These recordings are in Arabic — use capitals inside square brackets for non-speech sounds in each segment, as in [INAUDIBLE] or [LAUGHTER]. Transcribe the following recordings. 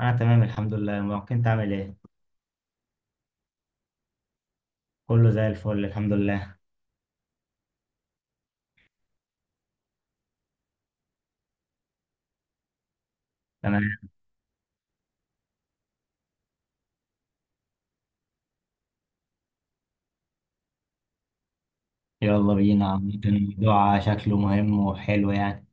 انا تمام الحمد لله، ممكن تعمل ايه. كله زي الفل الحمد لله. تمام، يلا بينا. عامة الموضوع شكله مهم وحلو يعني.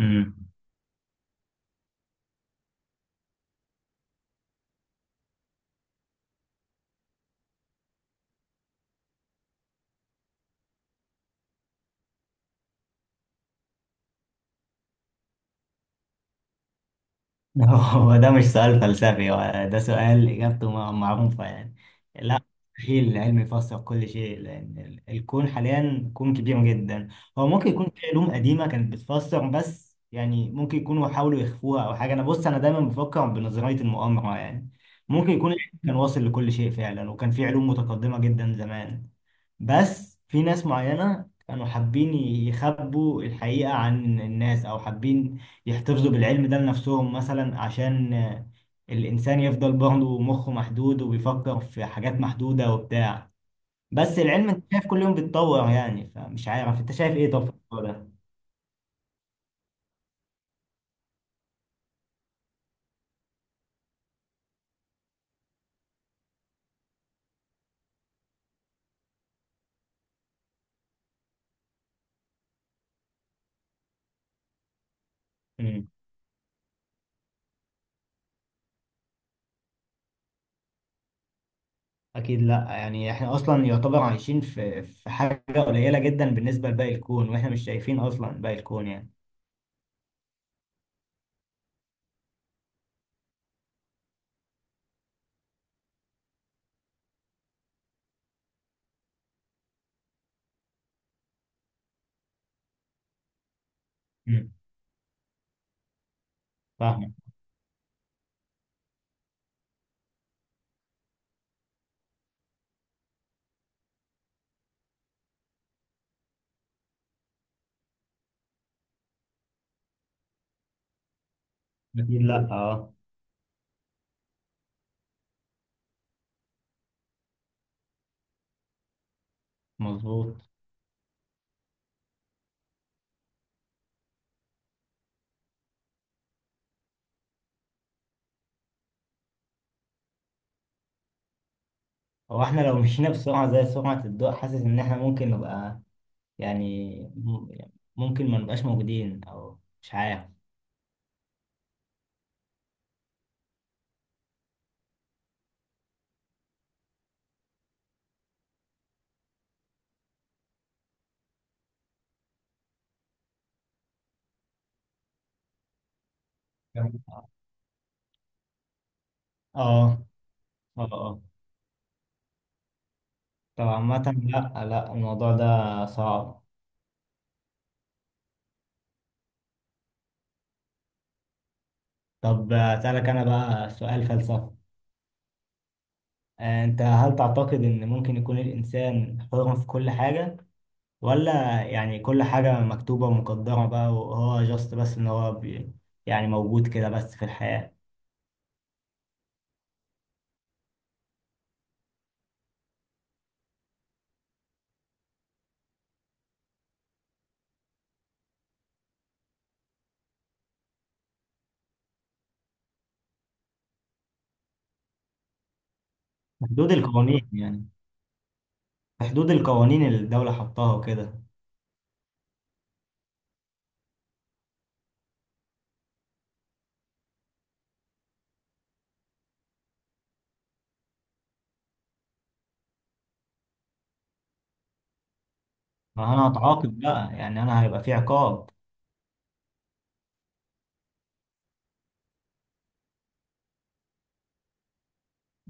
امم [LAUGHS] هو ده مش سؤال فلسفي، هو ده سؤال إجابته معروفة يعني. لا، مستحيل العلم يفسر كل شيء، لأن الكون حاليا كون كبير جدا. هو ممكن يكون في علوم قديمة كانت بتفسر، بس يعني ممكن يكونوا حاولوا يخفوها أو حاجة. أنا بص، أنا دايما بفكر بنظرية المؤامرة يعني. ممكن يكون العلم كان واصل لكل شيء فعلا، وكان في علوم متقدمة جدا زمان، بس في ناس معينة كانوا حابين يخبوا الحقيقة عن الناس، أو حابين يحتفظوا بالعلم ده لنفسهم مثلا. عشان الإنسان يفضل برضه مخه محدود وبيفكر في حاجات محدودة وبتاع. بس العلم أنت شايف كل يوم بيتطور يعني، فمش عارف أنت شايف إيه طب في الموضوع ده؟ مم. أكيد لأ، يعني إحنا أصلا يعتبر عايشين في حاجة قليلة جدا بالنسبة لباقي الكون، وإحنا مش شايفين أصلا باقي الكون يعني. مم. فاهم. أكيد لأ، أه. مظبوط. هو احنا لو مشينا بسرعة زي سرعة الضوء، حاسس ان احنا ممكن نبقى يعني، يعني ممكن ما نبقاش موجودين او مش عارف يعني. اه. اه. اه. طب عامة، لا لا، الموضوع ده صعب. طب اسألك انا بقى سؤال فلسفي. انت هل تعتقد ان ممكن يكون الانسان حر في كل حاجة، ولا يعني كل حاجة مكتوبة ومقدرة بقى، وهو جاست بس ان هو بي، يعني موجود كده بس في الحياة؟ بحدود القوانين يعني. في حدود القوانين اللي الدولة حطاها وكده. ما انا هتعاقب بقى، يعني انا هيبقى في عقاب.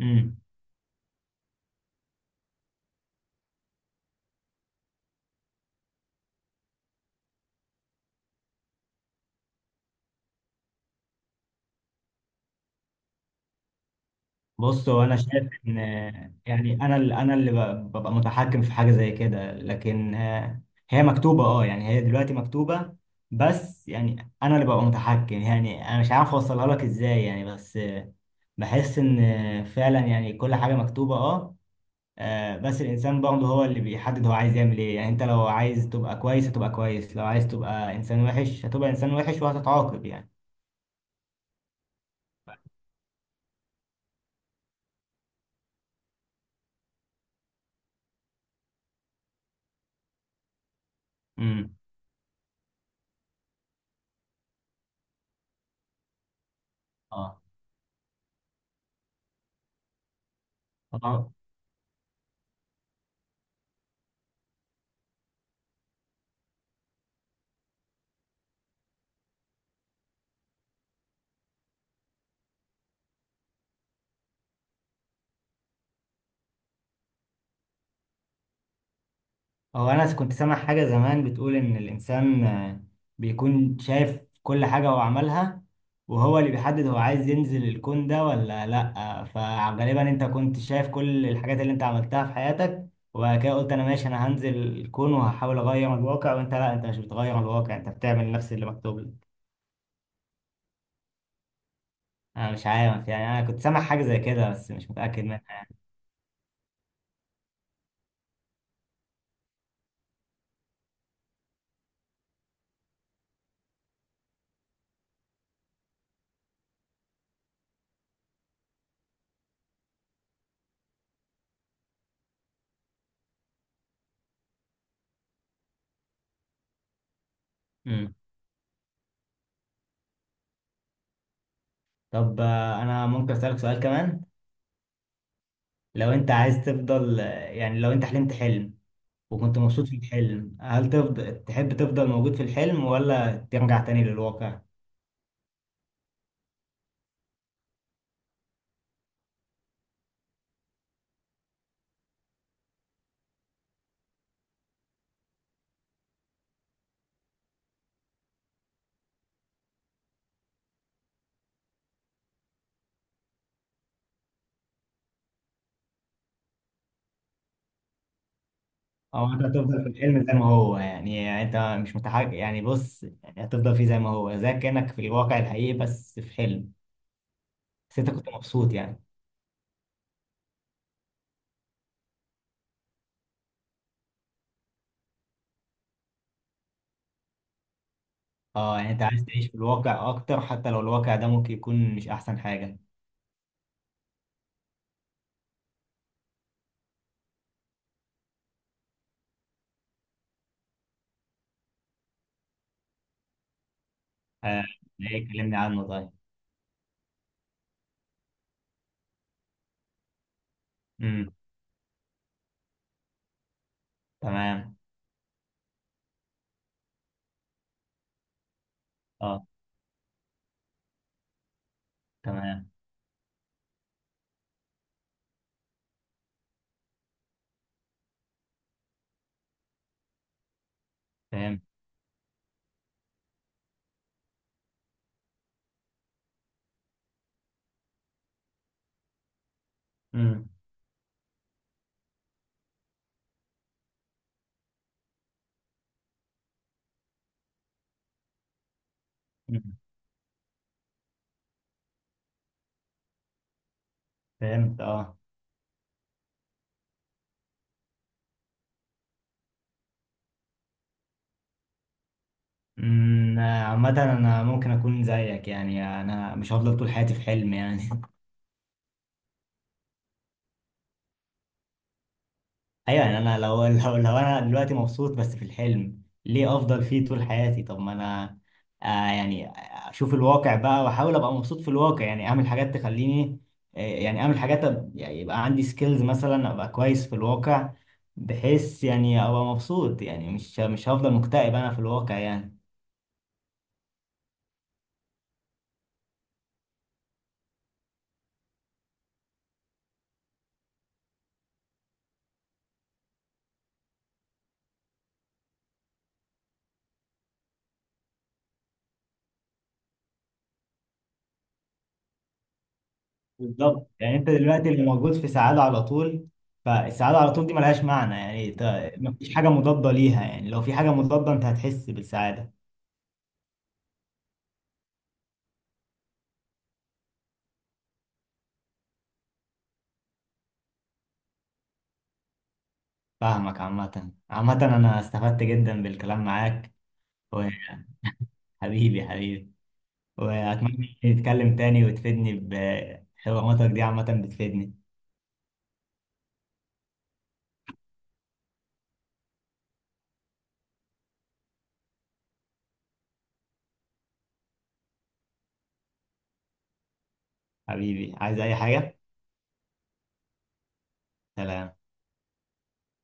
امم. بص، هو انا شايف ان يعني، انا اللي ببقى متحكم في حاجة زي كده، لكن هي مكتوبة اه. يعني هي دلوقتي مكتوبة، بس يعني انا اللي ببقى متحكم يعني. انا مش عارف اوصلها لك ازاي يعني، بس بحس ان فعلا يعني كل حاجة مكتوبة اه. بس الانسان برضه هو اللي بيحدد هو عايز يعمل ايه يعني. انت لو عايز تبقى كويس هتبقى كويس، لو عايز تبقى انسان وحش هتبقى انسان وحش وهتتعاقب يعني. امم. اه. هو هو انا كنت سامع حاجة زمان بتقول ان الانسان بيكون شايف كل حاجة هو عملها، وهو اللي بيحدد هو عايز ينزل الكون ده ولا لا. فغالبا انت كنت شايف كل الحاجات اللي انت عملتها في حياتك، وبعد كده قلت انا ماشي انا هنزل الكون وهحاول اغير الواقع، وانت لا، انت مش بتغير الواقع، انت بتعمل نفس اللي مكتوب لك. انا مش عارف يعني، انا كنت سامع حاجه زي كده بس مش متاكد منها. امم. طب انا ممكن اسالك سؤال كمان؟ لو انت عايز تفضل، يعني لو انت حلمت حلم وكنت مبسوط في الحلم، هل تفضل تحب تفضل موجود في الحلم، ولا ترجع تاني للواقع؟ او انت هتفضل في الحلم زي ما هو يعني، يعني انت مش متحرك يعني، بص يعني هتفضل فيه زي ما هو، زي كانك في الواقع الحقيقي بس في حلم، بس انت كنت مبسوط يعني. اه يعني انت عايز تعيش في الواقع اكتر، حتى لو الواقع ده ممكن يكون مش احسن حاجه. آه، ليه؟ كلمني عنه طيب. امم. تمام. اه. تمام. فهمت. امم. أمم. فهمت اه. امم. عامة انا ممكن اكون زيك يعني، انا مش هفضل طول حياتي في حلم يعني [LAUGHS] ايوه يعني، انا لو [LAUGHS] لو انا دلوقتي مبسوط بس في الحلم، ليه افضل فيه طول حياتي؟ طب ما انا يعني اشوف الواقع بقى، واحاول ابقى مبسوط في الواقع يعني، اعمل حاجات تخليني، يعني اعمل حاجات يعني يبقى عندي سكيلز مثلا، ابقى كويس في الواقع، بحيث يعني ابقى مبسوط يعني، مش هفضل مكتئب انا في الواقع يعني. بالظبط. يعني انت دلوقتي اللي موجود في سعادة على طول، فالسعادة على طول دي ملهاش معنى يعني، مفيش حاجة مضادة ليها يعني، لو في حاجة مضادة انت هتحس بالسعادة. فاهمك. عامة عامة أنا استفدت جدا بالكلام معاك، وحبيبي، وأتمنى نتكلم تاني وتفيدني بحواراتك دي، عامة بتفيدني. حبيبي عايز أي حاجة؟ سلام.